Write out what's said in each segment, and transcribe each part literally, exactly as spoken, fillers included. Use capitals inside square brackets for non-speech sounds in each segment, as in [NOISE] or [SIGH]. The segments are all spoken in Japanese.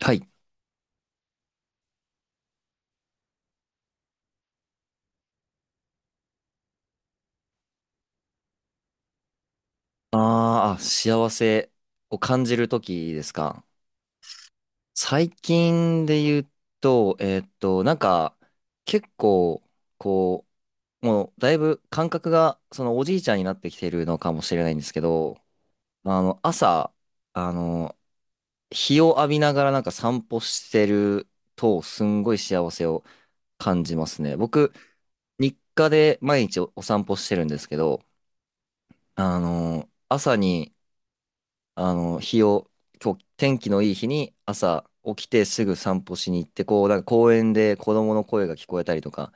はい。あーあ、幸せを感じるときですか？最近で言うと、えーっと、なんか、結構、こう、もう、だいぶ感覚が、その、おじいちゃんになってきてるのかもしれないんですけど、まあの、朝、あの、日を浴びながらなんか散歩してると、すんごい幸せを感じますね。僕、日課で毎日お、お散歩してるんですけど、あの、朝に、あの、日を、今日天気のいい日に朝起きてすぐ散歩しに行って、こう、なんか公園で子供の声が聞こえたりとか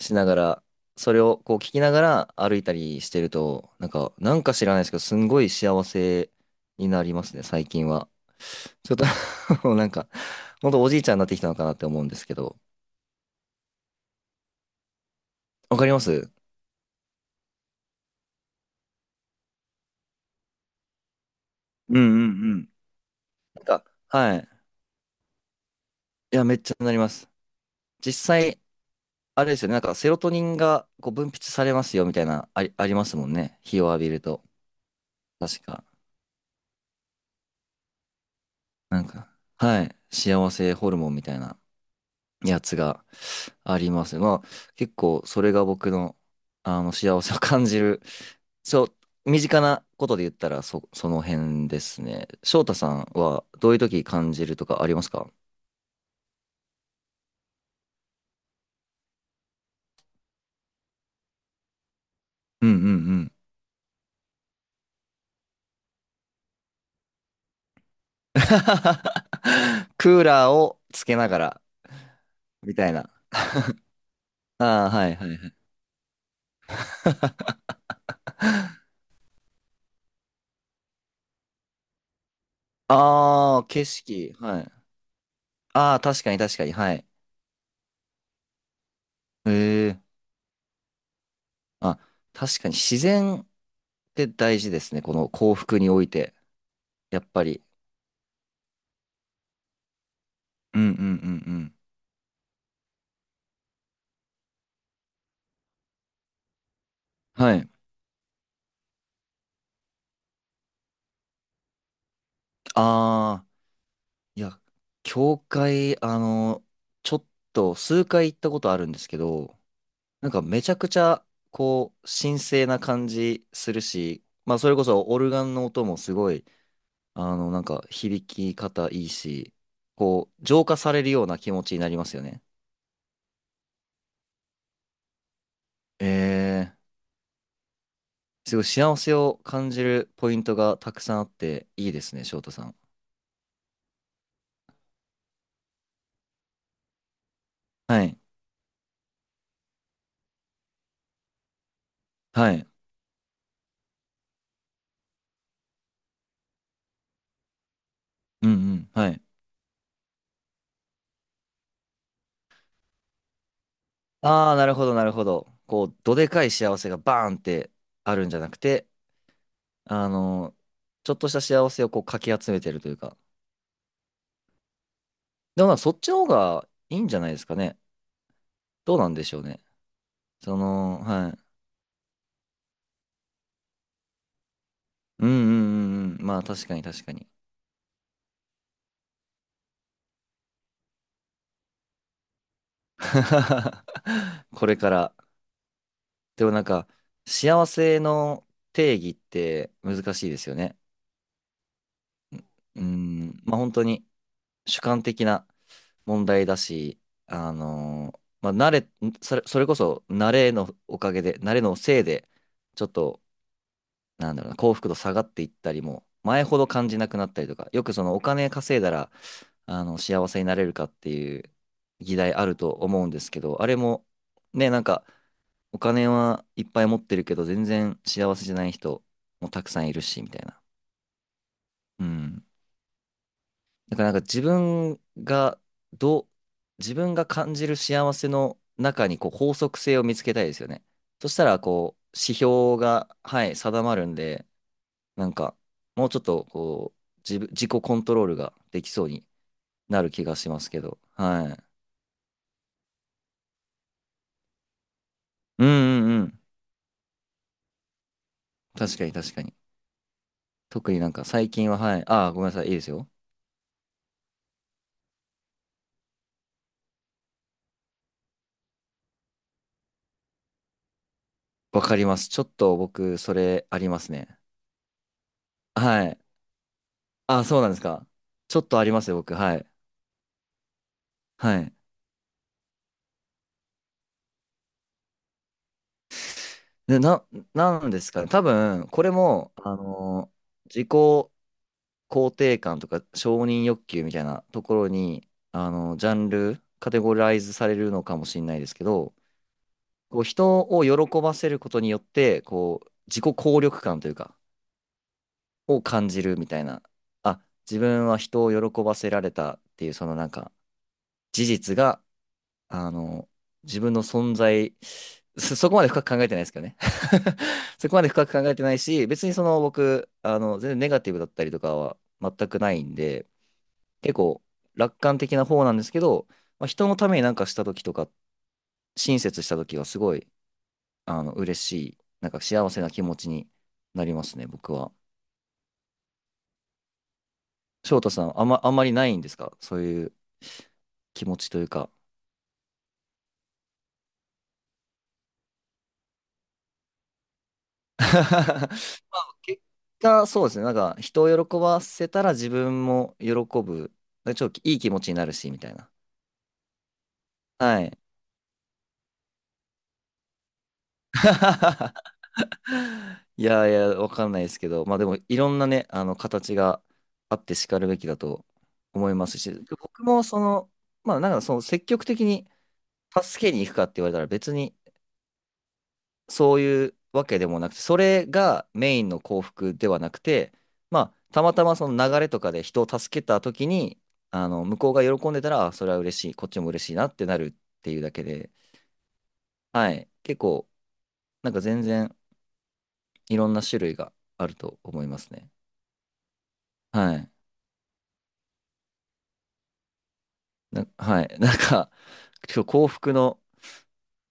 しながら、それをこう聞きながら歩いたりしてると、なんか、なんか知らないですけど、すんごい幸せになりますね、最近は。ちょっと [LAUGHS] もうなんか、ほんとおじいちゃんになってきたのかなって思うんですけど、わかります。うんうんうん。なんか、はい。いや、めっちゃなります。実際、あれですよね、なんかセロトニンがこう分泌されますよみたいな、あり、ありますもんね。日を浴びると。確か。なんか、はい。幸せホルモンみたいなやつがあります。まあ、結構それが僕の、あの、幸せを感じる。そう、身近なことで言ったらそ、その辺ですね。翔太さんはどういう時感じるとかありますか？うんうんうん。[LAUGHS] クーラーをつけながら、みたいな。ああ、はいはい。ああ、景色。はい。ああ、確かに確かに。はい。へえ。あ、確かに自然って大事ですね。この幸福において。やっぱり。うんうんうんうん。はい。ああ、いや、教会、あの、ちょっと数回行ったことあるんですけど、なんかめちゃくちゃ、こう、神聖な感じするし、まあ、それこそオルガンの音もすごい、あの、なんか響き方いいし、こう、浄化されるような気持ちになりますよね。えー、すごい幸せを感じるポイントがたくさんあっていいですね、翔太さん。はい。はい。うんうん。はい。ああ、なるほど、なるほど。こう、どでかい幸せがバーンってあるんじゃなくて、あの、ちょっとした幸せをこうかき集めてるというか。でもなんかそっちの方がいいんじゃないですかね。どうなんでしょうね。その、はい。うんうんうんうん。まあ確かに確かに。[LAUGHS] これからでもなんか、幸せの定義って難しいですよね。うん、まあ本当に主観的な問題だし、あのーまあ慣れ、それ、それこそ慣れのおかげで、慣れのせいで、ちょっと、なんだろうな、幸福度下がっていったりも、前ほど感じなくなったりとか、よくそのお金稼いだら、あの、幸せになれるかっていう議題あると思うんですけど、あれも、ね、なんか、お金はいっぱい持ってるけど、全然幸せじゃない人もたくさんいるし、みたいな。うん。だからなんか自分が、どう、自分が感じる幸せの中にこう法則性を見つけたいですよね。そしたら、こう、指標が、はい、定まるんで、なんか、もうちょっと、こう、自分、自己コントロールができそうになる気がしますけど、はい。うんうんうん。確かに確かに。特になんか最近は、はい。ああ、ごめんなさい。いいですよ。わかります。ちょっと僕、それありますね。はい。ああ、そうなんですか？ちょっとありますよ、僕。はい。はい。で、な、なんですかね。多分、これも、あのー自己肯定感とか承認欲求みたいなところに、あのージャンル、カテゴライズされるのかもしれないですけど、こう、人を喜ばせることによって、こう、自己効力感というか、を感じるみたいな。あ、自分は人を喜ばせられたっていうそのなんか事実が、あの、自分の存在、そそこまで深く考えてないですけどね。[LAUGHS] そこまで深く考えてないし、別にその僕、あの、全然ネガティブだったりとかは全くないんで、結構楽観的な方なんですけど、まあ、人のためになんかした時とか、親切した時はすごい、あの、嬉しい、なんか幸せな気持ちになりますね、僕は。翔太さん、あんま、あんまりないんですか？そういう気持ちというか。[LAUGHS] 結果、そうですね。なんか、人を喜ばせたら自分も喜ぶ。なんかちょっといい気持ちになるし、みたいな。はい。[LAUGHS] いやいや、わかんないですけど、まあでも、いろんなね、あの、形があってしかるべきだと思いますし、僕もその、まあなんか、その積極的に助けに行くかって言われたら別に、そういうわけでもなくて、それがメインの幸福ではなくて、まあ、たまたまその流れとかで人を助けた時に、あの、向こうが喜んでたら、あそれは嬉しい、こっちも嬉しいなってなるっていうだけで、はい。結構、なんか全然いろんな種類があると思いますね。はい。な、はい。[LAUGHS] なんか、今日幸福の、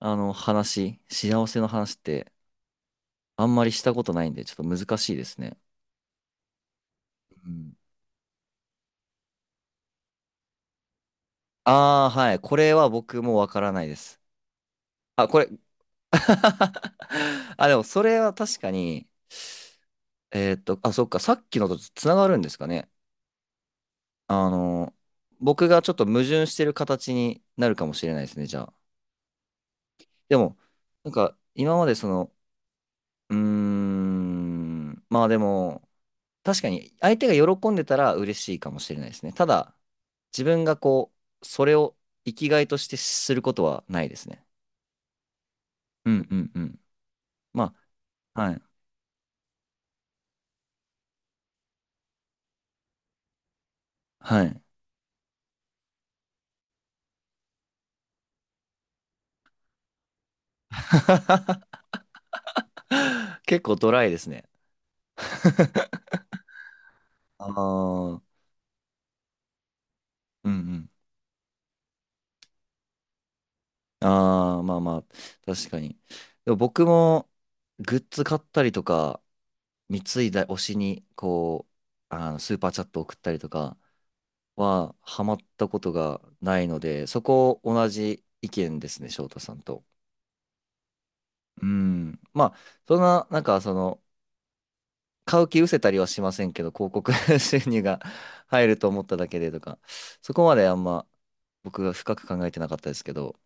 あの話、幸せの話ってあんまりしたことないんで、ちょっと難しいですね。うん、ああ、はい。これは僕もわからないです。あ、これ。[LAUGHS] あ、でもそれは確かに、えーっと、あ、そっか、さっきのとつながるんですかね。あの、僕がちょっと矛盾してる形になるかもしれないですね、じゃあ。でも、なんか、今までその、うーん、まあでも、確かに相手が喜んでたら嬉しいかもしれないですね。ただ、自分がこう、それを生きがいとしてすることはないですね。うんうんうん。まあ、はい。はい。[LAUGHS] 結構ドライですね。ああ、うんうん。ああ、まあまあ、確かに。でも僕もグッズ買ったりとか、貢いだ推しに、こう、あのスーパーチャット送ったりとかは、ハマったことがないので、そこ同じ意見ですね、翔太さんと。うん。まあ、そんな、なんか、その、買う気失せたりはしませんけど、広告 [LAUGHS] 収入が入ると思っただけでとか、そこまであんま僕が深く考えてなかったですけど、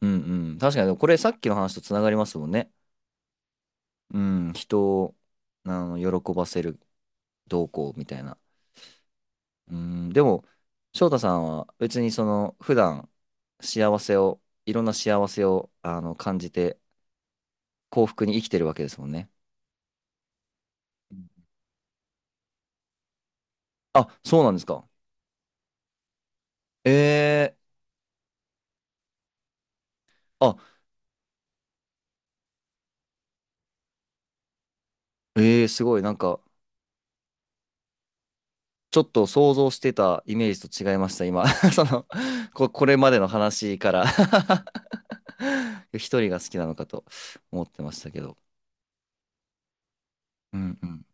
うんうん。確かに、これさっきの話とつながりますもんね。うん、人を、あの、喜ばせる動向みたいな。うん、でも、翔太さんは別にその、普段、幸せを、いろんな幸せを、あの、感じて、幸福に生きてるわけですもんね。うん。あ、そうなんですか？えー、あ、えー、すごい、なんか、ちょっと想像してたイメージと違いました、今。[LAUGHS] その、こ、これまでの話から [LAUGHS] 一人が好きなのかと思ってましたけど。うんうん。